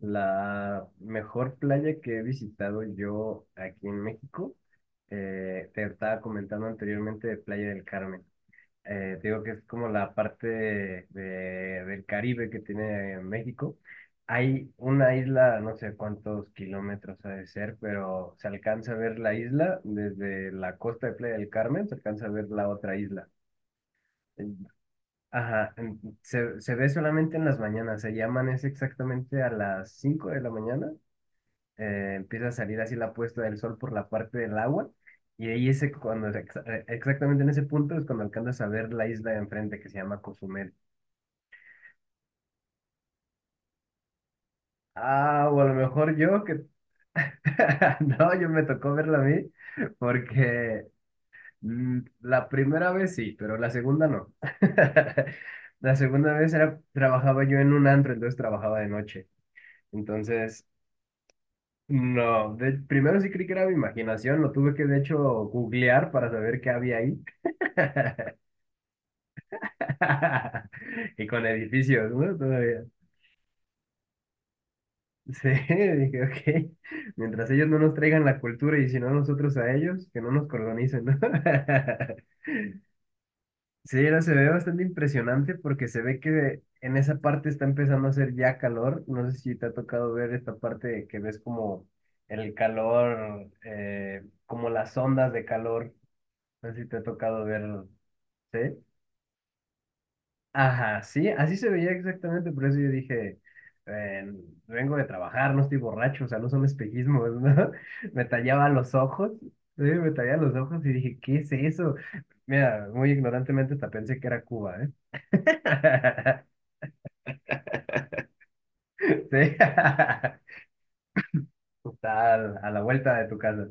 La mejor playa que he visitado yo aquí en México, te estaba comentando anteriormente de Playa del Carmen. Te digo que es como la parte del Caribe que tiene México. Hay una isla, no sé cuántos kilómetros ha de ser, pero se alcanza a ver la isla desde la costa de Playa del Carmen, se alcanza a ver la otra isla. Ajá, se ve solamente en las mañanas, se llaman es exactamente a las 5 de la mañana empieza a salir así la puesta del sol por la parte del agua. Y ahí ese, cuando, exactamente en ese punto es cuando alcanzas a ver la isla de enfrente que se llama Cozumel. Ah, o a lo mejor yo que... No, yo me tocó verla a mí porque la primera vez sí, pero la segunda no. La segunda vez era, trabajaba yo en un antro, entonces trabajaba de noche. Entonces, no, primero sí creí que era mi imaginación, lo tuve que de hecho googlear para saber qué había ahí. Y con edificios, ¿no? Todavía. Sí, dije, ok, mientras ellos no nos traigan la cultura y si no nosotros a ellos, que no nos colonicen, ¿no? Sí, no, se ve bastante impresionante porque se ve que en esa parte está empezando a hacer ya calor. ¿No sé si te ha tocado ver esta parte que ves como el calor, como las ondas de calor? No sé si te ha tocado ver, ¿sí? Ajá, sí, así se veía exactamente, por eso yo dije, eh, vengo de trabajar, no estoy borracho, o sea, no son espejismos, ¿no? Me tallaba los ojos, sí, me tallaba los ojos y dije, ¿qué es eso? Mira, muy ignorantemente hasta pensé que era Cuba, ¿eh? Sí, está a la vuelta de tu casa.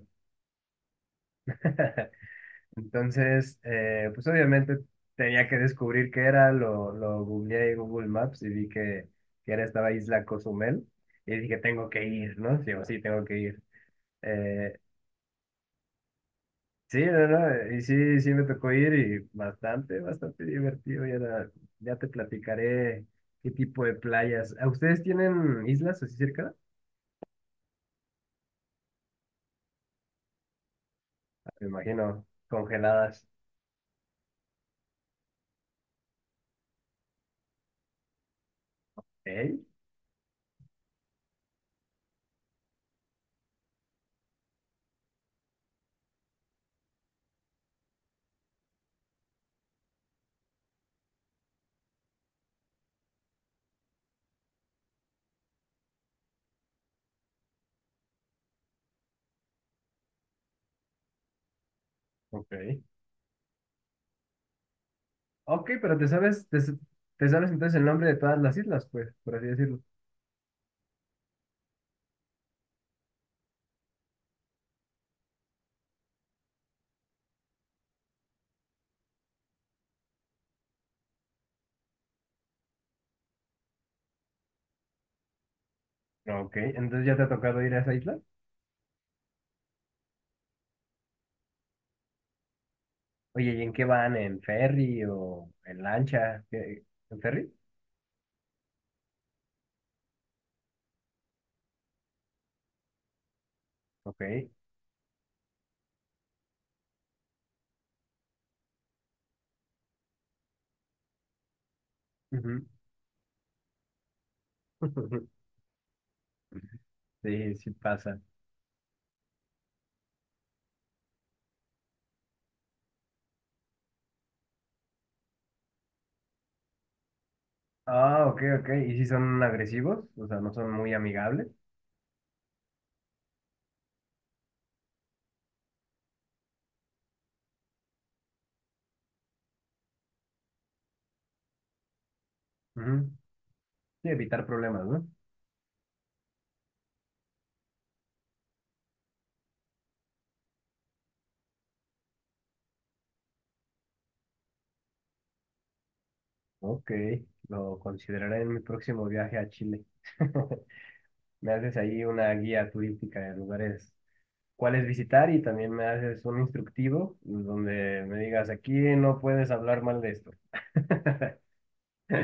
Entonces, pues obviamente tenía que descubrir qué era, lo googleé en Google Maps y vi que era esta isla Cozumel y dije, tengo que ir, ¿no? Sí, o sí, tengo que ir. Eh, sí, no, no, y sí, sí me tocó ir y bastante divertido. Ya, ya te platicaré qué tipo de playas. ¿A Ustedes tienen islas así cerca? Me imagino, congeladas. ¿Eh? Ok. Ok, pero te sabes, te sabes entonces el nombre de todas las islas, pues, por así decirlo. Ok, entonces ya te ha tocado ir a esa isla. Oye, ¿y en qué van? ¿En ferry o en lancha? ¿Qué- ¿En ferry? Ok. Ujú. Sí, sí pasa. Ah, ok, ok. ¿Y si son agresivos? O sea, no son muy amigables. Ujú. Sí, evitar problemas, ¿no? Ok, lo consideraré en mi próximo viaje a Chile. Me haces ahí una guía turística de lugares cuáles visitar y también me haces un instructivo donde me digas, aquí no puedes hablar mal de esto.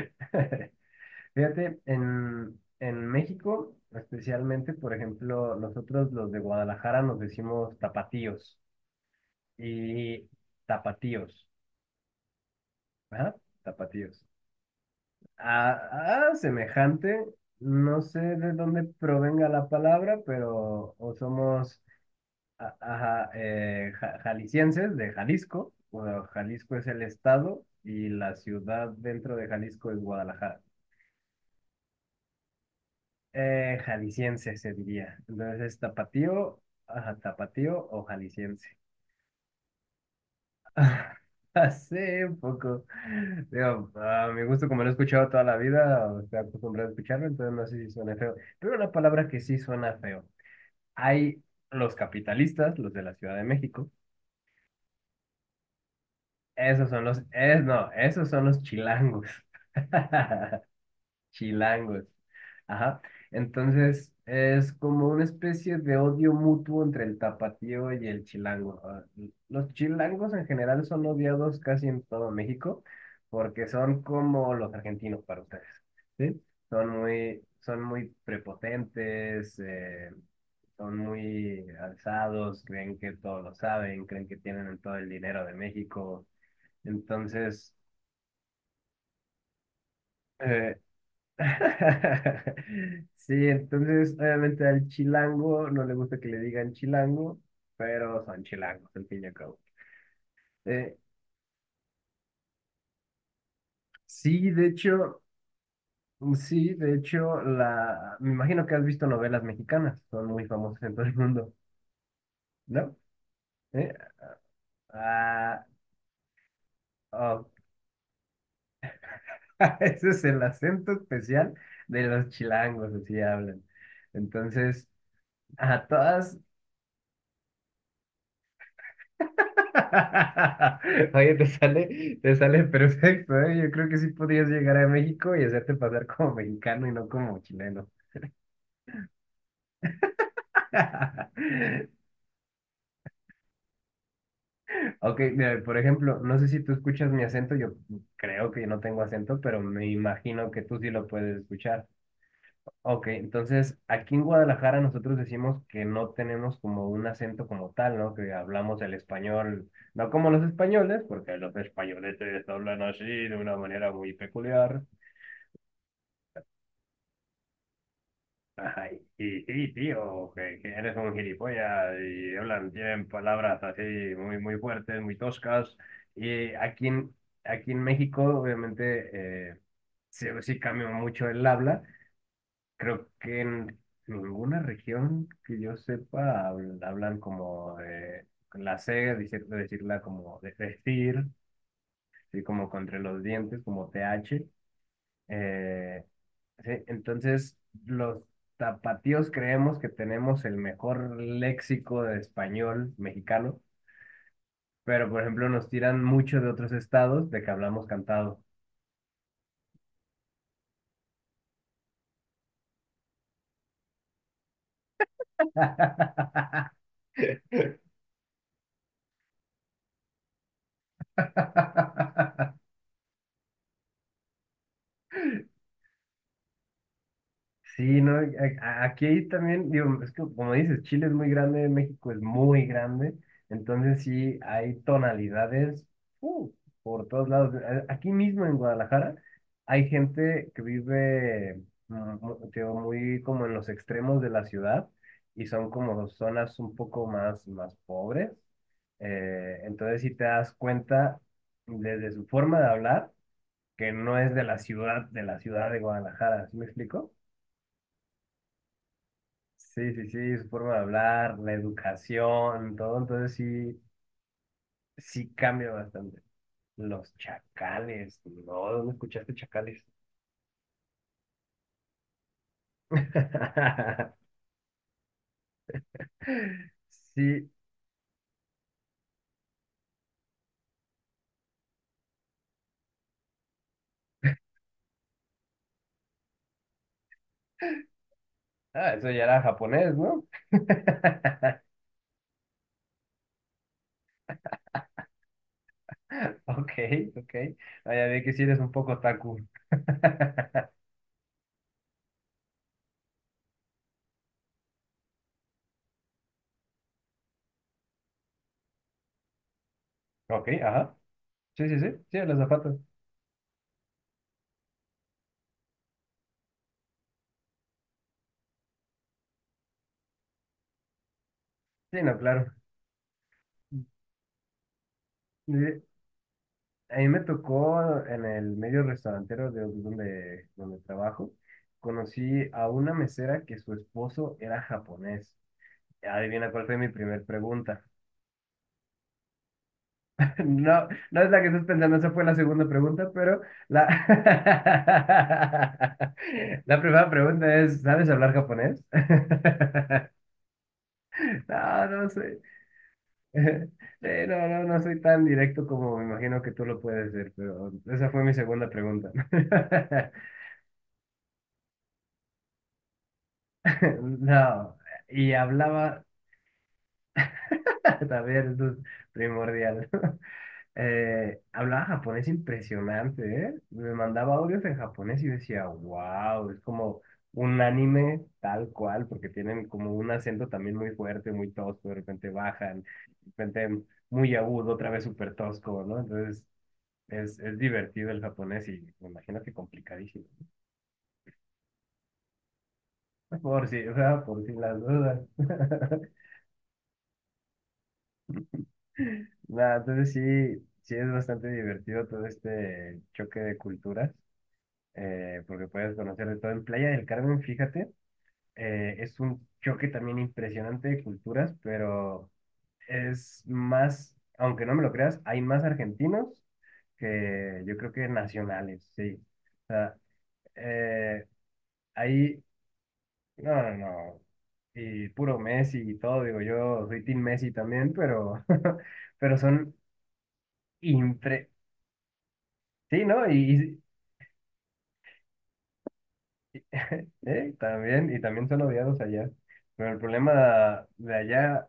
Fíjate, en México, especialmente, por ejemplo, nosotros los de Guadalajara nos decimos tapatíos y tapatíos, ajá, Tapatíos. A semejante, no sé de dónde provenga la palabra, pero o somos ajá, jaliscienses de Jalisco, bueno, Jalisco es el estado y la ciudad dentro de Jalisco es Guadalajara. Jalisciense se diría. Entonces es tapatío, ajá, tapatío o jalisciense. Hace poco, digo, a mi gusto, como lo he escuchado toda la vida, o estoy acostumbrado a escucharlo, entonces no sé si suena feo. Pero una palabra que sí suena feo. Hay los capitalistas, los de la Ciudad de México. Esos son los, es, no, esos son los chilangos. Chilangos. Ajá. Entonces, es como una especie de odio mutuo entre el tapatío y el chilango. Ah, los chilangos en general son odiados casi en todo México porque son como los argentinos para ustedes, ¿sí? Son muy prepotentes, son muy alzados, creen que todo lo saben, creen que tienen todo el dinero de México. Entonces, eh, sí, entonces obviamente al chilango no le gusta que le digan chilango, pero son chilangos, al fin y al cabo. Eh, sí, de hecho, sí, de hecho, la, me imagino que has visto novelas mexicanas, son muy famosas en todo el mundo, ¿no? ¿Eh? Ah, oh, ese es el acento especial de los chilangos, así hablan. Entonces, a todas Oye, te sale perfecto, ¿eh? Yo creo que sí podrías llegar a México y hacerte pasar como mexicano y no como chileno. Ok, mira, por ejemplo, no sé si tú escuchas mi acento, yo creo que no tengo acento, pero me imagino que tú sí lo puedes escuchar. Ok, entonces aquí en Guadalajara nosotros decimos que no tenemos como un acento como tal, ¿no? Que hablamos el español, no como los españoles, porque los españoles hablan así de una manera muy peculiar. Ay, y sí, tío, que eres un gilipollas y hablan, tienen palabras así muy, muy fuertes, muy toscas. Y aquí en México, obviamente, sí, sí cambió mucho el habla. Creo que en ninguna región que yo sepa hablan como de con la C, decirla como de decir, así como contra los dientes, como TH. Eh, sí, entonces, los tapatíos creemos que tenemos el mejor léxico de español mexicano, pero por ejemplo nos tiran mucho de otros estados de que hablamos cantado. Sí, no, aquí también, digo, es que como dices, Chile es muy grande, México es muy grande, entonces sí hay tonalidades uh, por todos lados. Aquí mismo en Guadalajara hay gente que vive digo, muy como en los extremos de la ciudad y son como zonas un poco más, más pobres. Entonces si te das cuenta desde su forma de hablar que no es de la ciudad, de la ciudad de Guadalajara, ¿sí me explico? Sí, sí, sí, su forma de hablar, la educación, todo, entonces sí, sí cambia bastante. Los chacales, no, ¿dónde escuchaste chacales? Sí, ah, eso ya era japonés, ¿no? Ok, ok, ah, ya vi que sí eres un poco taku. Ok, ajá, sí, sí, sí, sí, los zapatos, sí, no, claro. Sí. A mí me tocó en el medio restaurantero de donde, donde trabajo, conocí a una mesera que su esposo era japonés. Adivina cuál fue mi primer pregunta. No, no es la que estás pensando, esa fue la segunda pregunta, pero la, la primera pregunta es, ¿sabes hablar japonés? No, no sé. No, no, no soy tan directo como me imagino que tú lo puedes ser, pero esa fue mi segunda pregunta. No, y hablaba, también esto es primordial, hablaba japonés impresionante, ¿eh? Me mandaba audios en japonés y yo decía, wow, es como un anime tal cual, porque tienen como un acento también muy fuerte, muy tosco, de repente bajan, de repente muy agudo, otra vez súper tosco, ¿no? Entonces es divertido el japonés y me imagino que complicadísimo. ¿No? Por si, o sea, por si las dudas. Nah, entonces sí, sí es bastante divertido todo este choque de culturas, porque puedes conocer de todo. En Playa del Carmen, fíjate, es un choque también impresionante de culturas, pero es más, aunque no me lo creas, hay más argentinos que yo creo que nacionales, sí. O sea, eh, hay, no, no, no, y puro Messi y todo, digo, yo soy Team Messi también, pero, pero son... impre Sí, ¿no? Y, también, y también son odiados allá. Pero el problema de allá,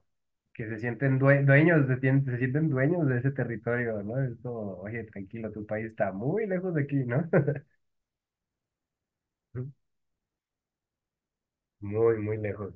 que se sienten dueños, se, se sienten dueños de ese territorio, ¿no? Es como, oye, tranquilo, tu país está muy lejos de aquí, ¿no? Muy, muy lejos.